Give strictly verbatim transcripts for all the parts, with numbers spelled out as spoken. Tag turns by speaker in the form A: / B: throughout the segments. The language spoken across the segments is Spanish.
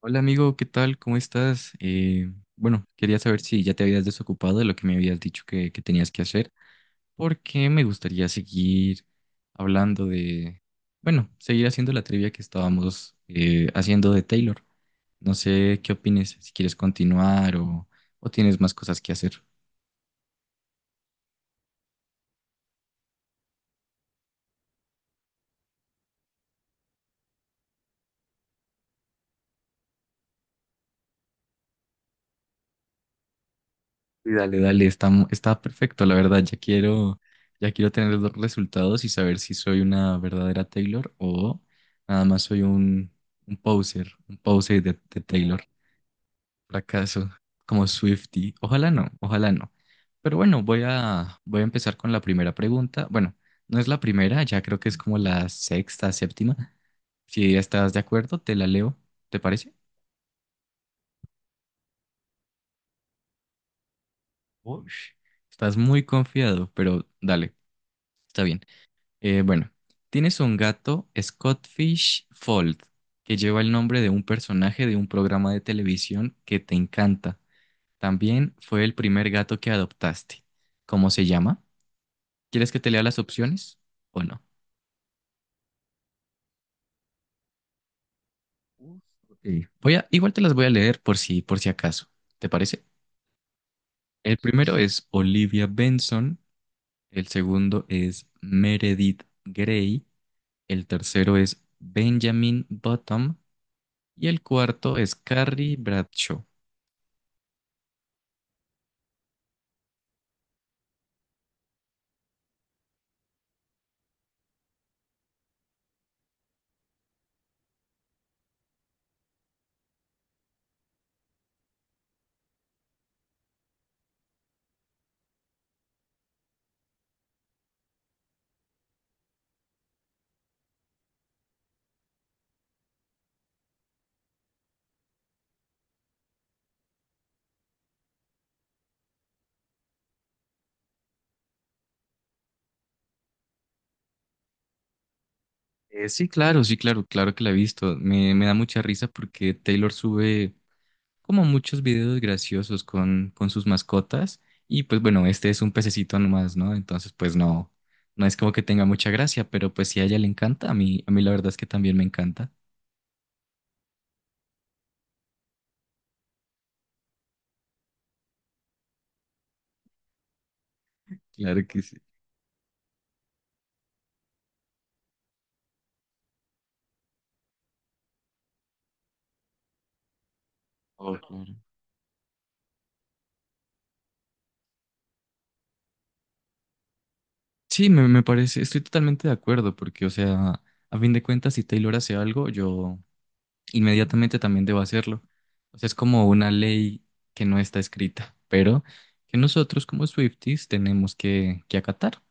A: Hola amigo, ¿qué tal? ¿Cómo estás? Eh, bueno, quería saber si ya te habías desocupado de lo que me habías dicho que, que tenías que hacer, porque me gustaría seguir hablando de, bueno, seguir haciendo la trivia que estábamos eh, haciendo de Taylor. No sé qué opines, si quieres continuar o, o tienes más cosas que hacer. Sí, dale, dale, está, mu- está perfecto, la verdad, ya quiero, ya quiero tener los resultados y saber si soy una verdadera Taylor o nada más soy un, un poser, un poser de, de Taylor, fracaso, como Swiftie, ojalá no, ojalá no. Pero bueno, voy a, voy a empezar con la primera pregunta, bueno, no es la primera, ya creo que es como la sexta, séptima. Si estás de acuerdo, te la leo, ¿te parece? Ush, estás muy confiado, pero dale, está bien. Eh, bueno, tienes un gato, Scottfish Fold, que lleva el nombre de un personaje de un programa de televisión que te encanta. También fue el primer gato que adoptaste. ¿Cómo se llama? ¿Quieres que te lea las opciones o no? Uf, ok. Voy a, igual te las voy a leer por si, por si acaso. ¿Te parece? El primero es Olivia Benson, el segundo es Meredith Grey, el tercero es Benjamin Bottom y el cuarto es Carrie Bradshaw. Eh, sí, claro, sí, claro, claro que la he visto. Me, me da mucha risa porque Taylor sube como muchos videos graciosos con, con sus mascotas. Y pues bueno, este es un pececito nomás, ¿no? Entonces, pues no, no es como que tenga mucha gracia, pero pues si a ella le encanta, a mí, a mí la verdad es que también me encanta. Claro que sí. Oh, claro. Sí, me, me parece, estoy totalmente de acuerdo, porque, o sea, a fin de cuentas, si Taylor hace algo, yo, inmediatamente también debo hacerlo. O sea, es como una ley que no está escrita, pero que nosotros como Swifties tenemos que, que acatar.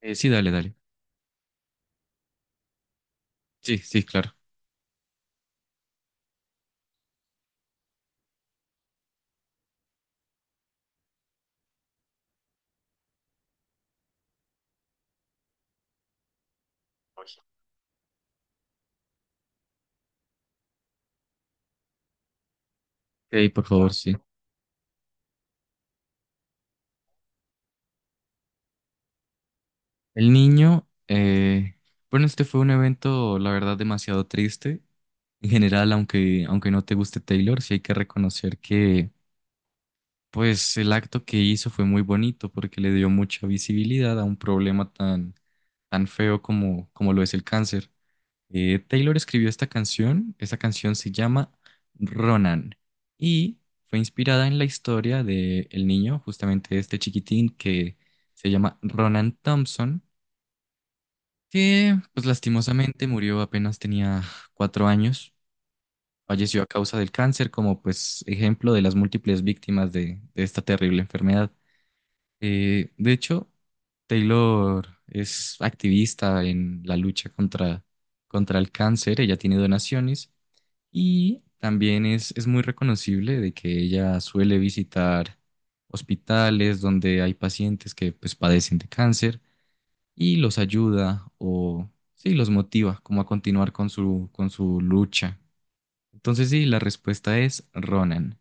A: Eh, sí, dale, dale. Sí, sí, claro. Ok, por favor, sí. El niño, eh, bueno, este fue un evento, la verdad, demasiado triste. En general, aunque, aunque no te guste Taylor, sí hay que reconocer que, pues, el acto que hizo fue muy bonito porque le dio mucha visibilidad a un problema tan, tan feo como, como lo es el cáncer. Eh, Taylor escribió esta canción, esta canción se llama Ronan y fue inspirada en la historia de el niño, justamente este chiquitín que se llama Ronan Thompson, que pues lastimosamente murió apenas tenía cuatro años, falleció a causa del cáncer como pues ejemplo de las múltiples víctimas de, de esta terrible enfermedad. Eh, de hecho, Taylor es activista en la lucha contra, contra el cáncer. Ella tiene donaciones y también es, es muy reconocible de que ella suele visitar hospitales donde hay pacientes que pues padecen de cáncer y los ayuda o sí, los motiva como a continuar con su, con su lucha. Entonces sí, la respuesta es Ronan.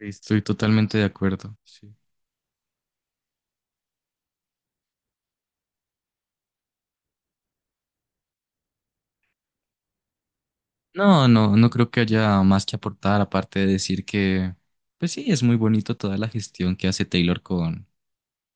A: Estoy totalmente de acuerdo. Sí. No, no, no creo que haya más que aportar aparte de decir que pues sí, es muy bonito toda la gestión que hace Taylor con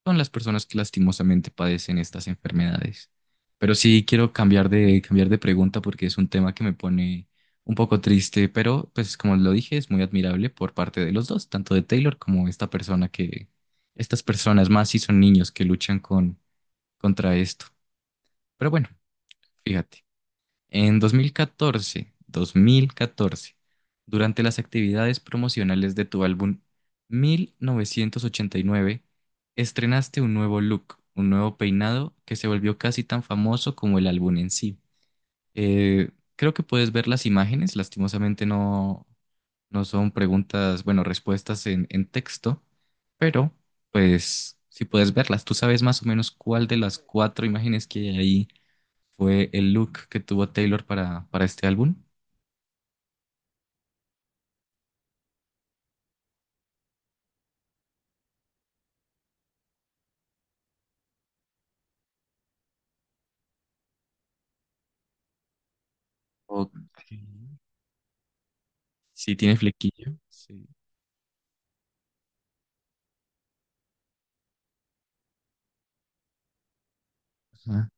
A: son las personas que lastimosamente padecen estas enfermedades. Pero sí quiero cambiar de, cambiar de pregunta porque es un tema que me pone un poco triste, pero pues como lo dije, es muy admirable por parte de los dos, tanto de Taylor como esta persona que, estas personas más si son niños que luchan con, contra esto. Pero bueno, fíjate. En dos mil catorce, dos mil catorce, durante las actividades promocionales de tu álbum mil novecientos ochenta y nueve, estrenaste un nuevo look, un nuevo peinado que se volvió casi tan famoso como el álbum en sí. Eh, creo que puedes ver las imágenes, lastimosamente no, no son preguntas, bueno, respuestas en, en texto, pero pues si puedes verlas, tú sabes más o menos cuál de las cuatro imágenes que hay ahí fue el look que tuvo Taylor para, para este álbum. Ok. Sí, tiene flequillo. Sí. Ajá.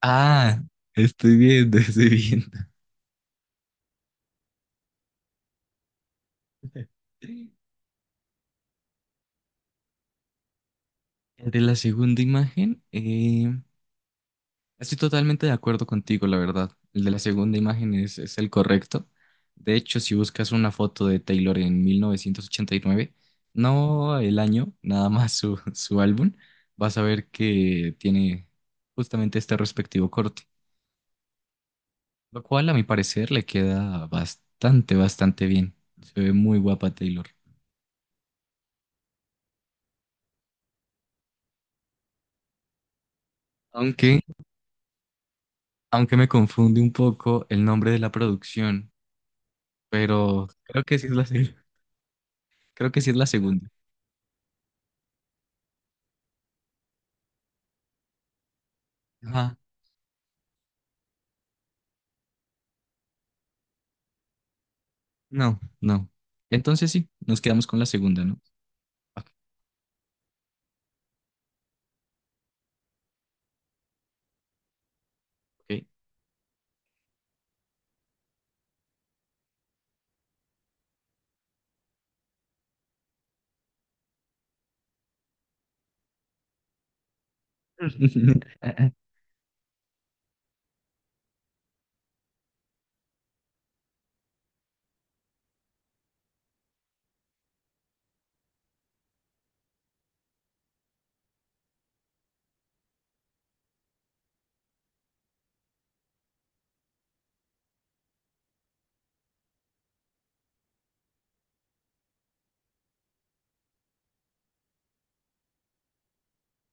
A: Ah, estoy viendo, estoy viendo. El de la segunda imagen, eh, estoy totalmente de acuerdo contigo, la verdad. El de la segunda imagen es, es el correcto. De hecho, si buscas una foto de Taylor en mil novecientos ochenta y nueve, no el año, nada más su, su álbum, vas a ver que tiene justamente este respectivo corte. Lo cual, a mi parecer, le queda bastante, bastante bien. Se ve muy guapa Taylor. Aunque, aunque me confunde un poco el nombre de la producción, pero creo que sí es la, se- creo que sí es la segunda. Ajá. No, no. Entonces sí, nos quedamos con la segunda, ¿no? Ok.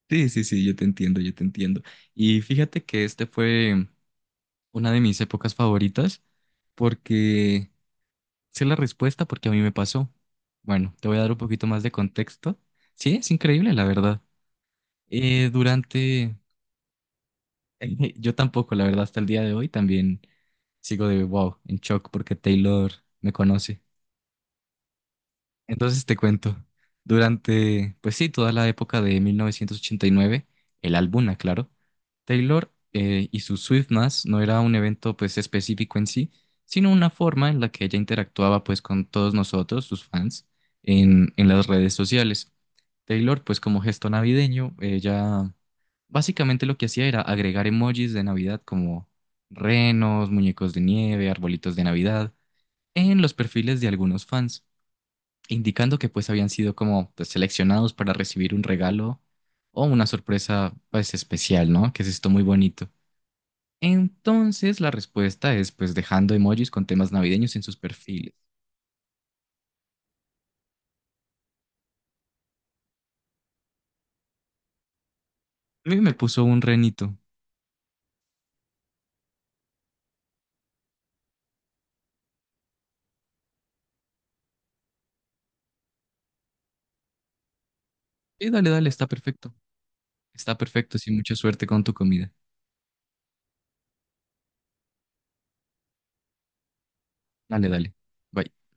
A: Sí, sí, sí, yo te entiendo, yo te entiendo. Y fíjate que este fue una de mis épocas favoritas porque sé la respuesta porque a mí me pasó. Bueno, te voy a dar un poquito más de contexto. Sí, es increíble, la verdad. Eh, durante, yo tampoco, la verdad, hasta el día de hoy también sigo de wow, en shock porque Taylor me conoce. Entonces te cuento, durante, pues sí, toda la época de mil novecientos ochenta y nueve el álbum, claro, Taylor eh, y su Swiftmas no era un evento pues específico en sí, sino una forma en la que ella interactuaba pues con todos nosotros, sus fans, en, en las redes sociales. Taylor pues como gesto navideño, ella básicamente lo que hacía era agregar emojis de Navidad como renos, muñecos de nieve, arbolitos de Navidad, en los perfiles de algunos fans indicando que pues habían sido como pues, seleccionados para recibir un regalo o una sorpresa pues especial, ¿no? Que es esto muy bonito. Entonces la respuesta es pues dejando emojis con temas navideños en sus perfiles. A mí me puso un renito. Y dale, dale, está perfecto. Está perfecto, sí, mucha suerte con tu comida. Dale, dale. Bye.